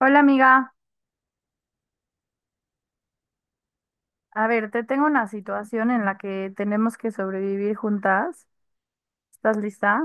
Hola amiga, a ver, te tengo una situación en la que tenemos que sobrevivir juntas. ¿Estás lista?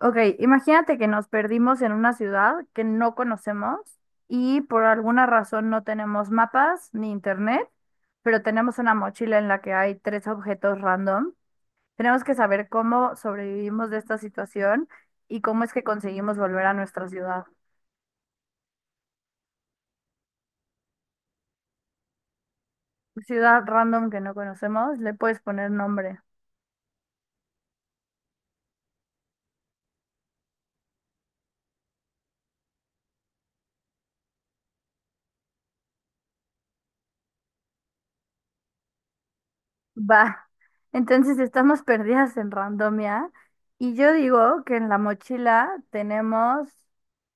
Ok, imagínate que nos perdimos en una ciudad que no conocemos y por alguna razón no tenemos mapas ni internet, pero tenemos una mochila en la que hay tres objetos random. Tenemos que saber cómo sobrevivimos de esta situación y cómo es que conseguimos volver a nuestra ciudad. Ciudad random que no conocemos, le puedes poner nombre. Va, entonces estamos perdidas en randomia y yo digo que en la mochila tenemos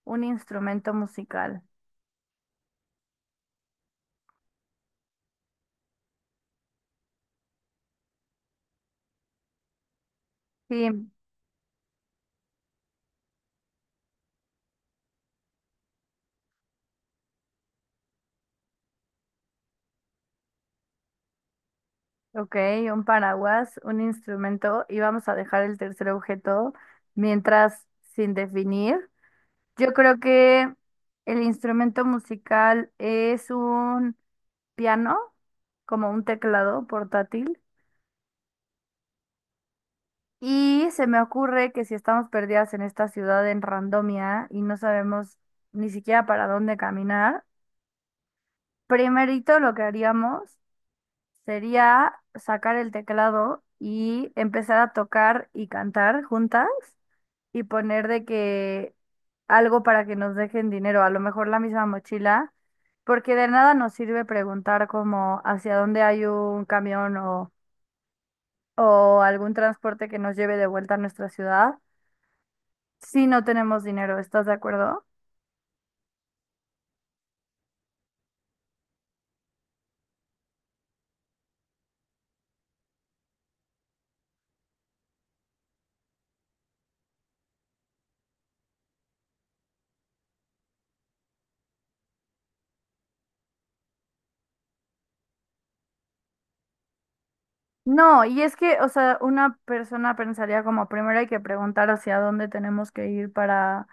un instrumento musical. Sí, ok, un paraguas, un instrumento y vamos a dejar el tercer objeto mientras sin definir. Yo creo que el instrumento musical es un piano, como un teclado portátil. Y se me ocurre que si estamos perdidas en esta ciudad en randomia y no sabemos ni siquiera para dónde caminar, primerito lo que haríamos sería sacar el teclado y empezar a tocar y cantar juntas y poner de que algo para que nos dejen dinero, a lo mejor la misma mochila, porque de nada nos sirve preguntar como hacia dónde hay un camión o algún transporte que nos lleve de vuelta a nuestra ciudad si no tenemos dinero, ¿estás de acuerdo? No, y es que, o sea, una persona pensaría como primero hay que preguntar hacia dónde tenemos que ir para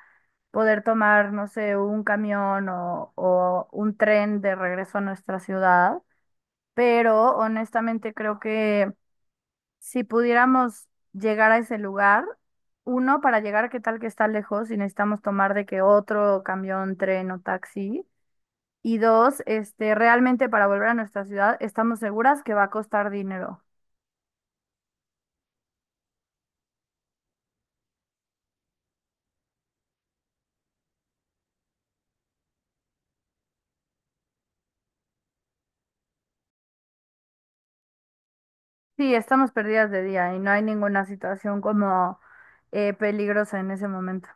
poder tomar, no sé, un camión o un tren de regreso a nuestra ciudad, pero honestamente creo que si pudiéramos llegar a ese lugar, uno, para llegar, ¿qué tal que está lejos y necesitamos tomar de que otro camión, tren o taxi? Y dos, este, realmente para volver a nuestra ciudad estamos seguras que va a costar dinero. Sí, estamos perdidas de día y no hay ninguna situación como peligrosa en ese momento.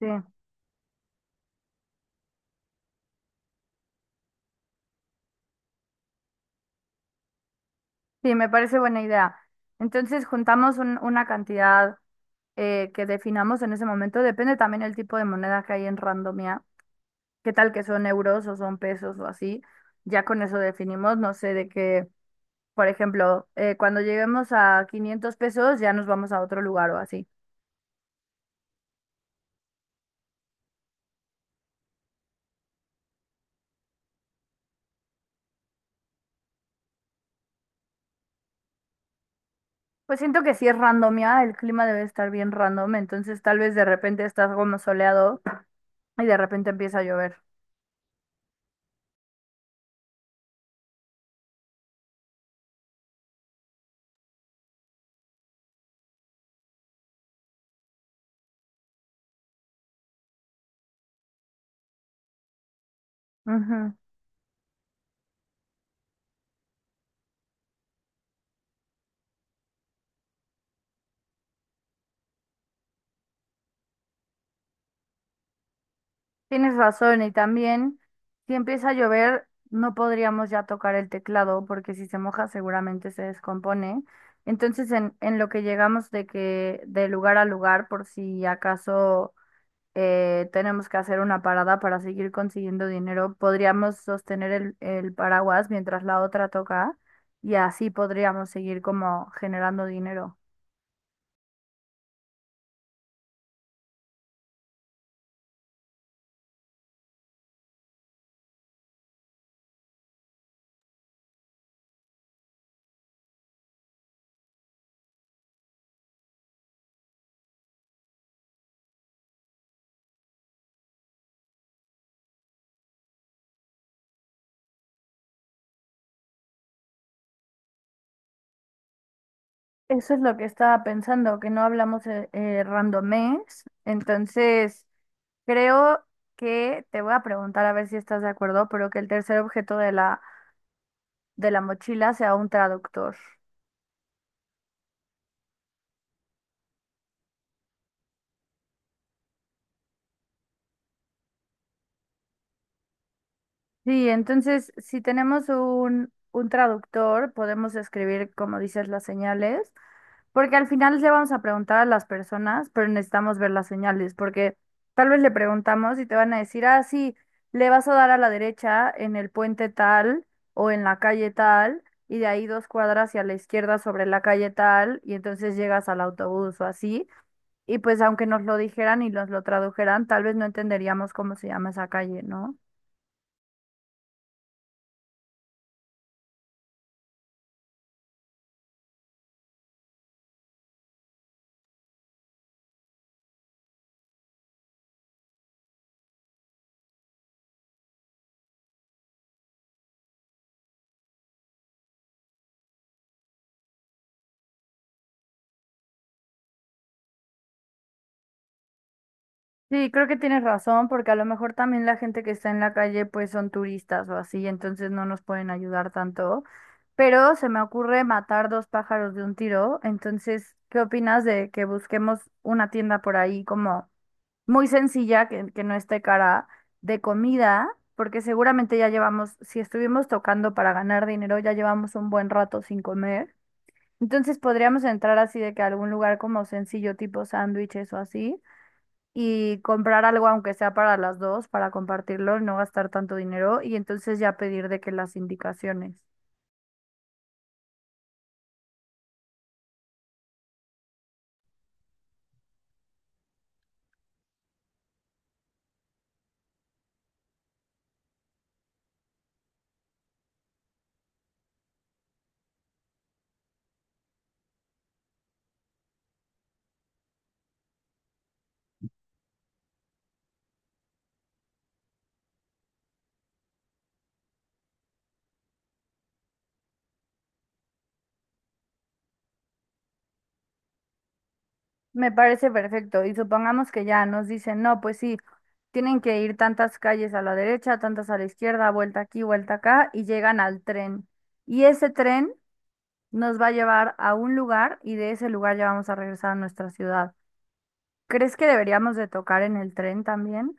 Sí, sí, me parece buena idea. Entonces juntamos una cantidad que definamos en ese momento. Depende también el tipo de moneda que hay en Randomia. ¿Qué tal que son euros o son pesos o así? Ya con eso definimos, no sé, de que, por ejemplo, cuando lleguemos a 500 pesos ya nos vamos a otro lugar o así. Pues siento que si es randomia, el clima debe estar bien random, entonces tal vez de repente estás como soleado y de repente empieza a llover. Ujú. Tienes razón, y también si empieza a llover, no podríamos ya tocar el teclado porque si se moja seguramente se descompone. Entonces en lo que llegamos de que de lugar a lugar, por si acaso tenemos que hacer una parada para seguir consiguiendo dinero. Podríamos sostener el paraguas mientras la otra toca y así podríamos seguir como generando dinero. Eso es lo que estaba pensando, que no hablamos randomés. Entonces, creo que te voy a preguntar a ver si estás de acuerdo, pero que el tercer objeto de la mochila sea un traductor. Sí, entonces si tenemos un traductor, podemos escribir, como dices, las señales, porque al final le vamos a preguntar a las personas, pero necesitamos ver las señales, porque tal vez le preguntamos y te van a decir, ah, sí, le vas a dar a la derecha en el puente tal o en la calle tal, y de ahí dos cuadras y a la izquierda sobre la calle tal, y entonces llegas al autobús o así, y pues aunque nos lo dijeran y nos lo tradujeran, tal vez no entenderíamos cómo se llama esa calle, ¿no? Sí, creo que tienes razón, porque a lo mejor también la gente que está en la calle pues son turistas o así, entonces no nos pueden ayudar tanto. Pero se me ocurre matar dos pájaros de un tiro, entonces, ¿qué opinas de que busquemos una tienda por ahí como muy sencilla, que no esté cara, de comida? Porque seguramente ya llevamos, si estuvimos tocando para ganar dinero, ya llevamos un buen rato sin comer. Entonces podríamos entrar así de que a algún lugar como sencillo tipo sándwiches o así y comprar algo, aunque sea para las dos, para compartirlo, no gastar tanto dinero y entonces ya pedir de que las indicaciones. Me parece perfecto. Y supongamos que ya nos dicen, no, pues sí, tienen que ir tantas calles a la derecha, tantas a la izquierda, vuelta aquí, vuelta acá, y llegan al tren. Y ese tren nos va a llevar a un lugar y de ese lugar ya vamos a regresar a nuestra ciudad. ¿Crees que deberíamos de tocar en el tren también?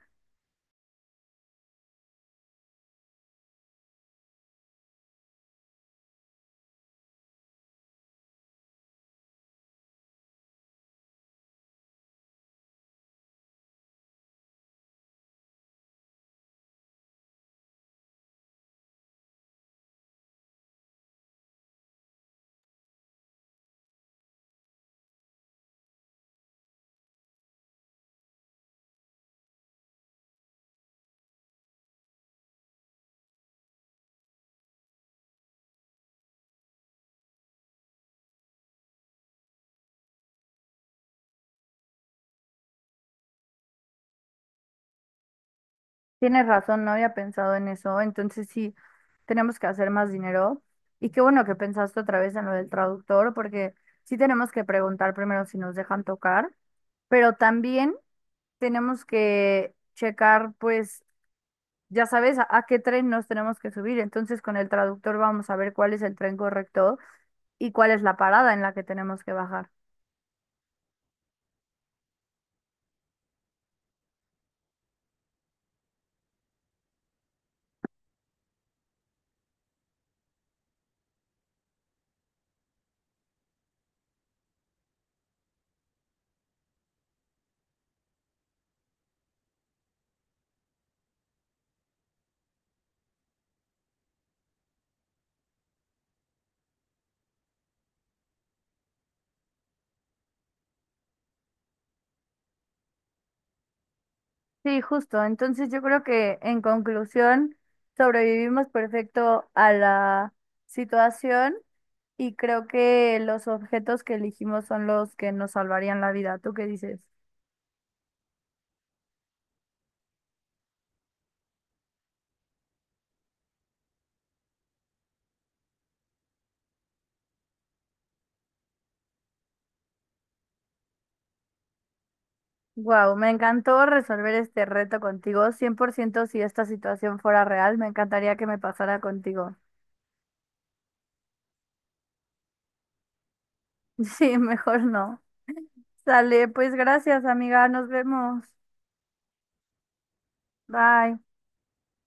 Tienes razón, no había pensado en eso. Entonces sí, tenemos que hacer más dinero. Y qué bueno que pensaste otra vez en lo del traductor, porque sí tenemos que preguntar primero si nos dejan tocar, pero también tenemos que checar, pues, ya sabes, a qué tren nos tenemos que subir. Entonces con el traductor vamos a ver cuál es el tren correcto y cuál es la parada en la que tenemos que bajar. Sí, justo. Entonces yo creo que en conclusión, sobrevivimos perfecto a la situación. Y creo que los objetos que elegimos son los que nos salvarían la vida. ¿Tú qué dices? Wow, me encantó resolver este reto contigo. 100% si esta situación fuera real, me encantaría que me pasara contigo. Sí, mejor no. Sale, pues gracias, amiga. Nos vemos. Bye.